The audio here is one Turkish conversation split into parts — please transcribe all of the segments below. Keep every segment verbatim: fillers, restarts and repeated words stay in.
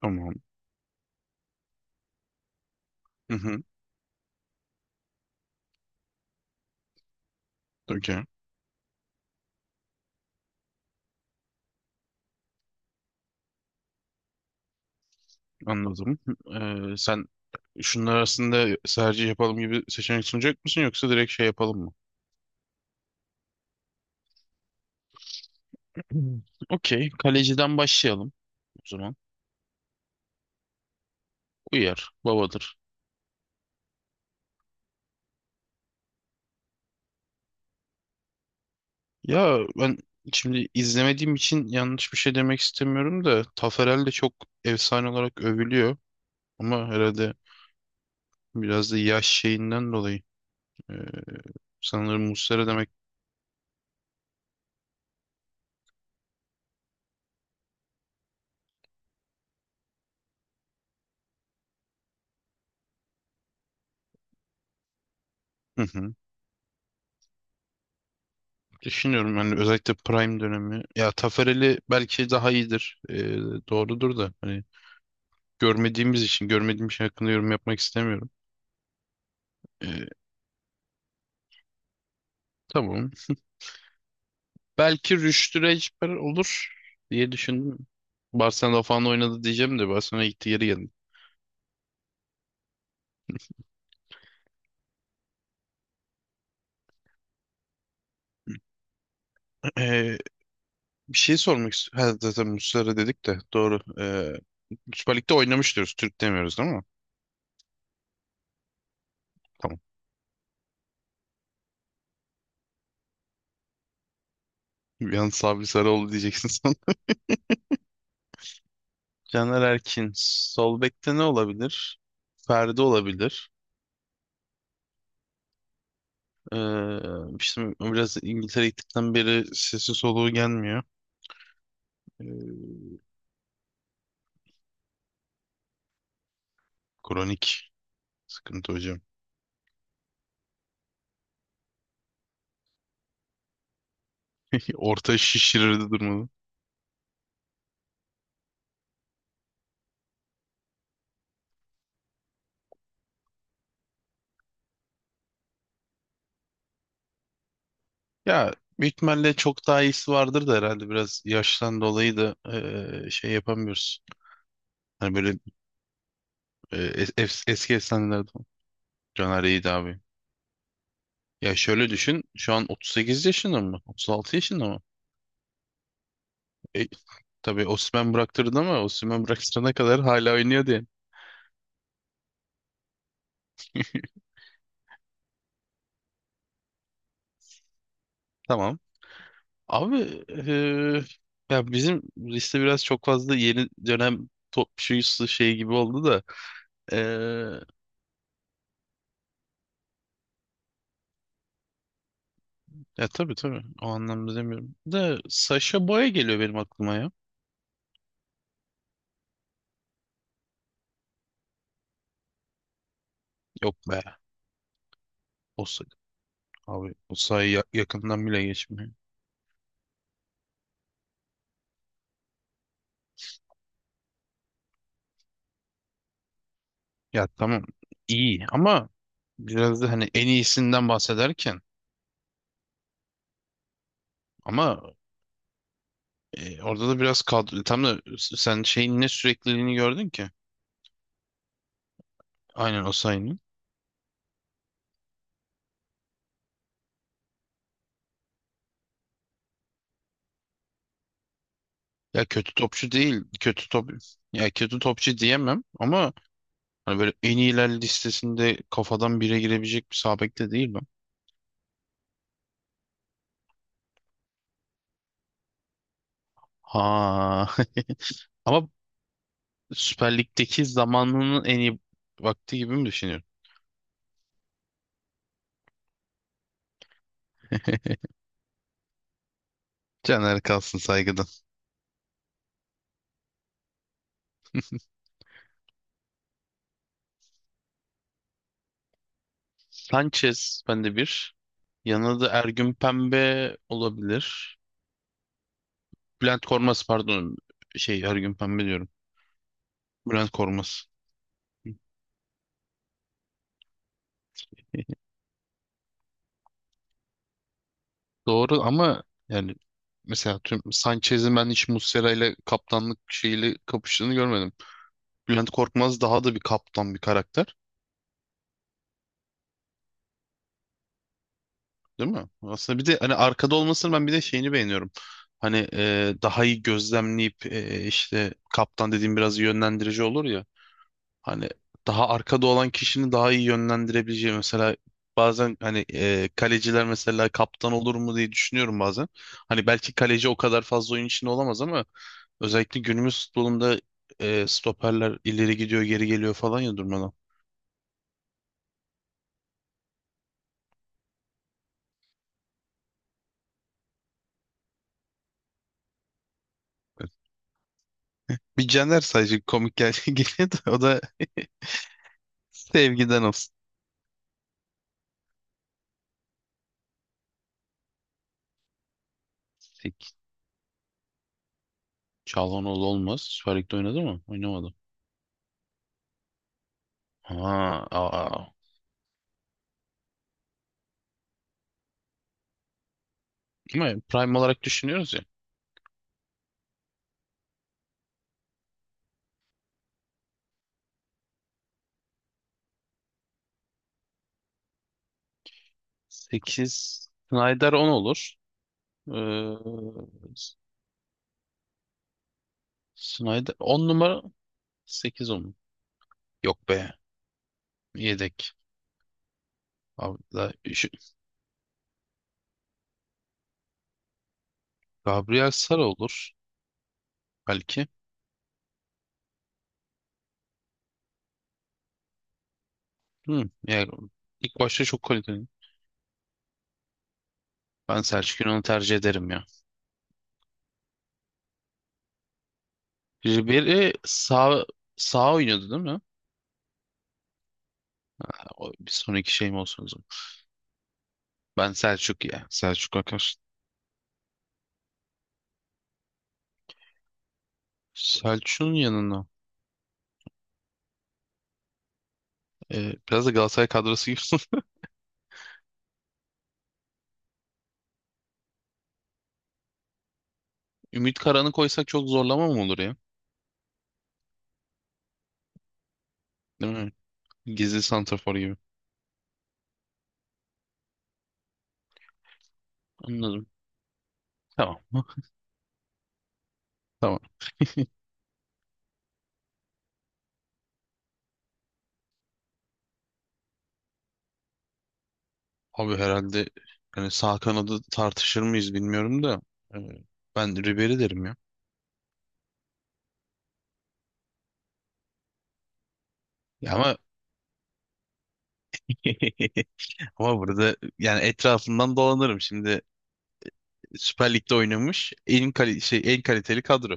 Tamam. Hı hı. Okey. Anladım. Ee, sen şunlar arasında tercih yapalım gibi seçenek sunacak mısın yoksa direkt şey yapalım mı? Hmm. Okey. Kaleciden başlayalım o zaman. Uyar. Babadır. Ya ben şimdi izlemediğim için yanlış bir şey demek istemiyorum da Taferel de çok efsane olarak övülüyor. Ama herhalde biraz da yaş şeyinden dolayı. Ee, Sanırım Muslera demek. Düşünüyorum yani özellikle Prime dönemi. Ya Taferel'i belki daha iyidir. Ee, doğrudur da hani görmediğimiz için görmediğim şey hakkında yorum yapmak istemiyorum. Ee, tamam. Belki Rüştü Reçber olur diye düşündüm. Barcelona falan oynadı diyeceğim de Barcelona gitti geri geldi. Ee, Bir şey sormak istiyorum. Ha, zaten Muslera dedik de doğru. Ee, Süper Lig'de oynamış diyoruz. Türk demiyoruz değil mi? Tamam. Yalnız Sabri Sarıoğlu diyeceksin sen. Caner Erkin. Sol bekte ne olabilir? Ferdi olabilir. Ee, işte biraz İngiltere gittikten beri sesi soluğu gelmiyor. Ee, Kronik sıkıntı hocam. Orta şişirirdi durmalı. Ya büyük ihtimalle çok daha iyisi vardır da herhalde biraz yaştan dolayı da ee, şey yapamıyoruz. Hani böyle ee, es- es- eski efsanelerde falan. Caner iyiydi abi. Ya şöyle düşün şu an otuz sekiz yaşında mı? otuz altı yaşında mı? E, tabii Osimhen bıraktırdı ama Osimhen bıraktırana kadar hala oynuyordu yani. Tamam. Abi eee, ya bizim liste biraz çok fazla yeni dönem top şuyusu şey gibi oldu da eee, ya tabii tabii o anlamda demiyorum. Da Sasha Boya geliyor benim aklıma ya. Yok be. O sa- Abi o sayı ya- yakından bile geçmiyor. Ya tamam iyi ama biraz da hani en iyisinden bahsederken ama e, orada da biraz kadro tam da sen şeyin ne sürekliliğini gördün ki. Aynen o. Ya kötü topçu değil. Kötü top, ya kötü topçu diyemem ama hani böyle en iyiler listesinde kafadan bire girebilecek bir sağ bek de değil mi? Ha. Ama Süper Lig'deki zamanının en iyi vakti gibi mi düşünüyorum? Caner kalsın saygıdan. Sanchez bende bir. Yanında da Ergün Pembe olabilir. Bülent Korkmaz pardon. Şey Ergün Pembe diyorum. Bülent Korkmaz. Doğru ama yani mesela tüm Sanchez'in ben hiç Muslera ile kaptanlık şeyiyle kapıştığını görmedim. Bülent Korkmaz daha da bir kaptan bir karakter, değil mi? Aslında bir de hani arkada olmasını ben bir de şeyini beğeniyorum. Hani e, daha iyi gözlemleyip e, işte kaptan dediğim biraz yönlendirici olur ya. Hani daha arkada olan kişinin daha iyi yönlendirebileceği mesela bazen hani e, kaleciler mesela kaptan olur mu diye düşünüyorum bazen. Hani belki kaleci o kadar fazla oyun içinde olamaz ama özellikle günümüz futbolunda e, stoperler ileri gidiyor geri geliyor falan ya durmadan. Bir Caner sadece komik gel geliyor da o da sevgiden olsun. Sik. Çalhanoğlu olmaz. Süper Lig'de oynadı mı? Oynamadı. Ha, aa. Ama prime olarak düşünüyoruz ya. Sekiz. Snyder on olur. Ee, Snyder on numara sekiz on. Yok be. Yedek. Abi, da- şu- Gabriel Sara olur belki. Hı, yani ilk başta çok kaliteli. Ben Selçuk Yunan'ı tercih ederim ya. Ribery sağ sağ oynuyordu değil mi? O, bir sonraki şeyim olsun o zaman. Ben Selçuk ya. Selçuk Akar. Selçuk'un yanına. E, biraz da Galatasaray kadrosu gibi. Ümit Karan'ı koysak çok zorlama mı olur ya? Değil mi? Gizli santrafor gibi. Anladım. Tamam. Tamam. Abi herhalde hani sağ kanadı tartışır mıyız bilmiyorum da. e, Ben Ribery derim ya. Ya ama ama burada yani etrafından dolanırım şimdi Süper Lig'de oynamış en kali şey en kaliteli kadro.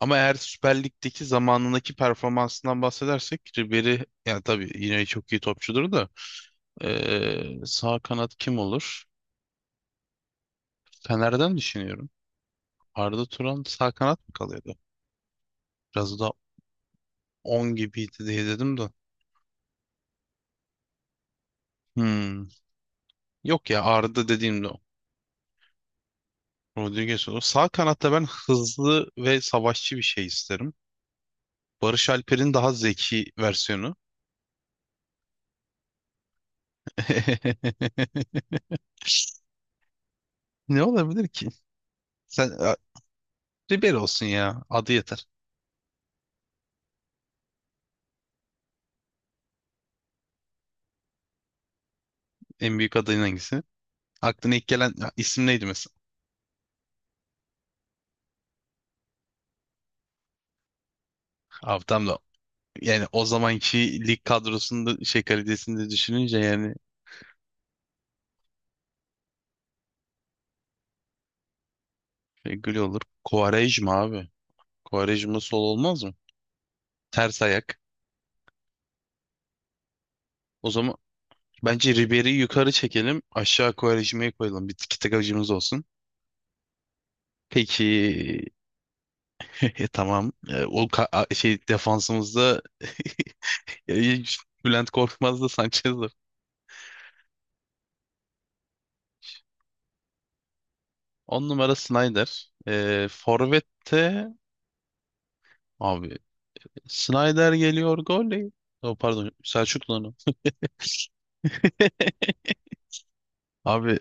Ama eğer Süper Lig'deki zamanındaki performansından bahsedersek Ribery yani tabii yine çok iyi topçudur da eee, sağ kanat kim olur? Fener'den düşünüyorum. Arda Turan sağ kanat mı kalıyordu? Biraz da on gibiydi diye dedim de. Hmm. Yok ya Arda dediğimde o. Rodriguez olur. Sağ kanatta ben hızlı ve savaşçı bir şey isterim. Barış Alper'in daha zeki versiyonu. Ne olabilir? Sen e, Ribery olsun ya. Adı yeter. En büyük adayın hangisi? Aklına ilk gelen ya, isim neydi mesela? Abi tam da yani o zamanki lig kadrosunda şey kalitesini de düşününce yani şey, gül olur. Quaresma abi. Quaresma sol olmaz mı? Ters ayak. O zaman bence Ribery'i yukarı çekelim. Aşağı Quaresma'yı koyalım. Bir tiki taka acımız olsun. Peki tamam. E, o ka- a- şey defansımızda Bülent Korkmaz da Sanchez. On numara Snyder. Ee, Forvet'te abi Snyder geliyor golley. Oh, pardon Selçuklu'nun. Abi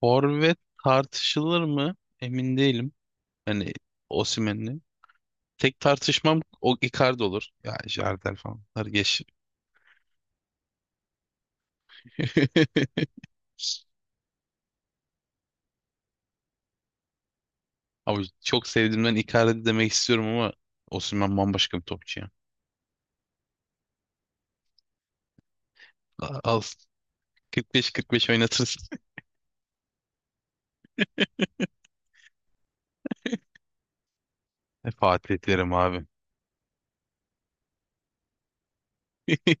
forvet tartışılır mı? Emin değilim. Yani Osimhen'le. Tek tartışmam o Icardi olur. Ya Jardel falan. Bunları geç. Abi çok sevdiğimden Icardi demek istiyorum ama Osimhen bambaşka bir topçu ya. Al kırk beş kırk beş oynatırsın. Fatih ederim abi.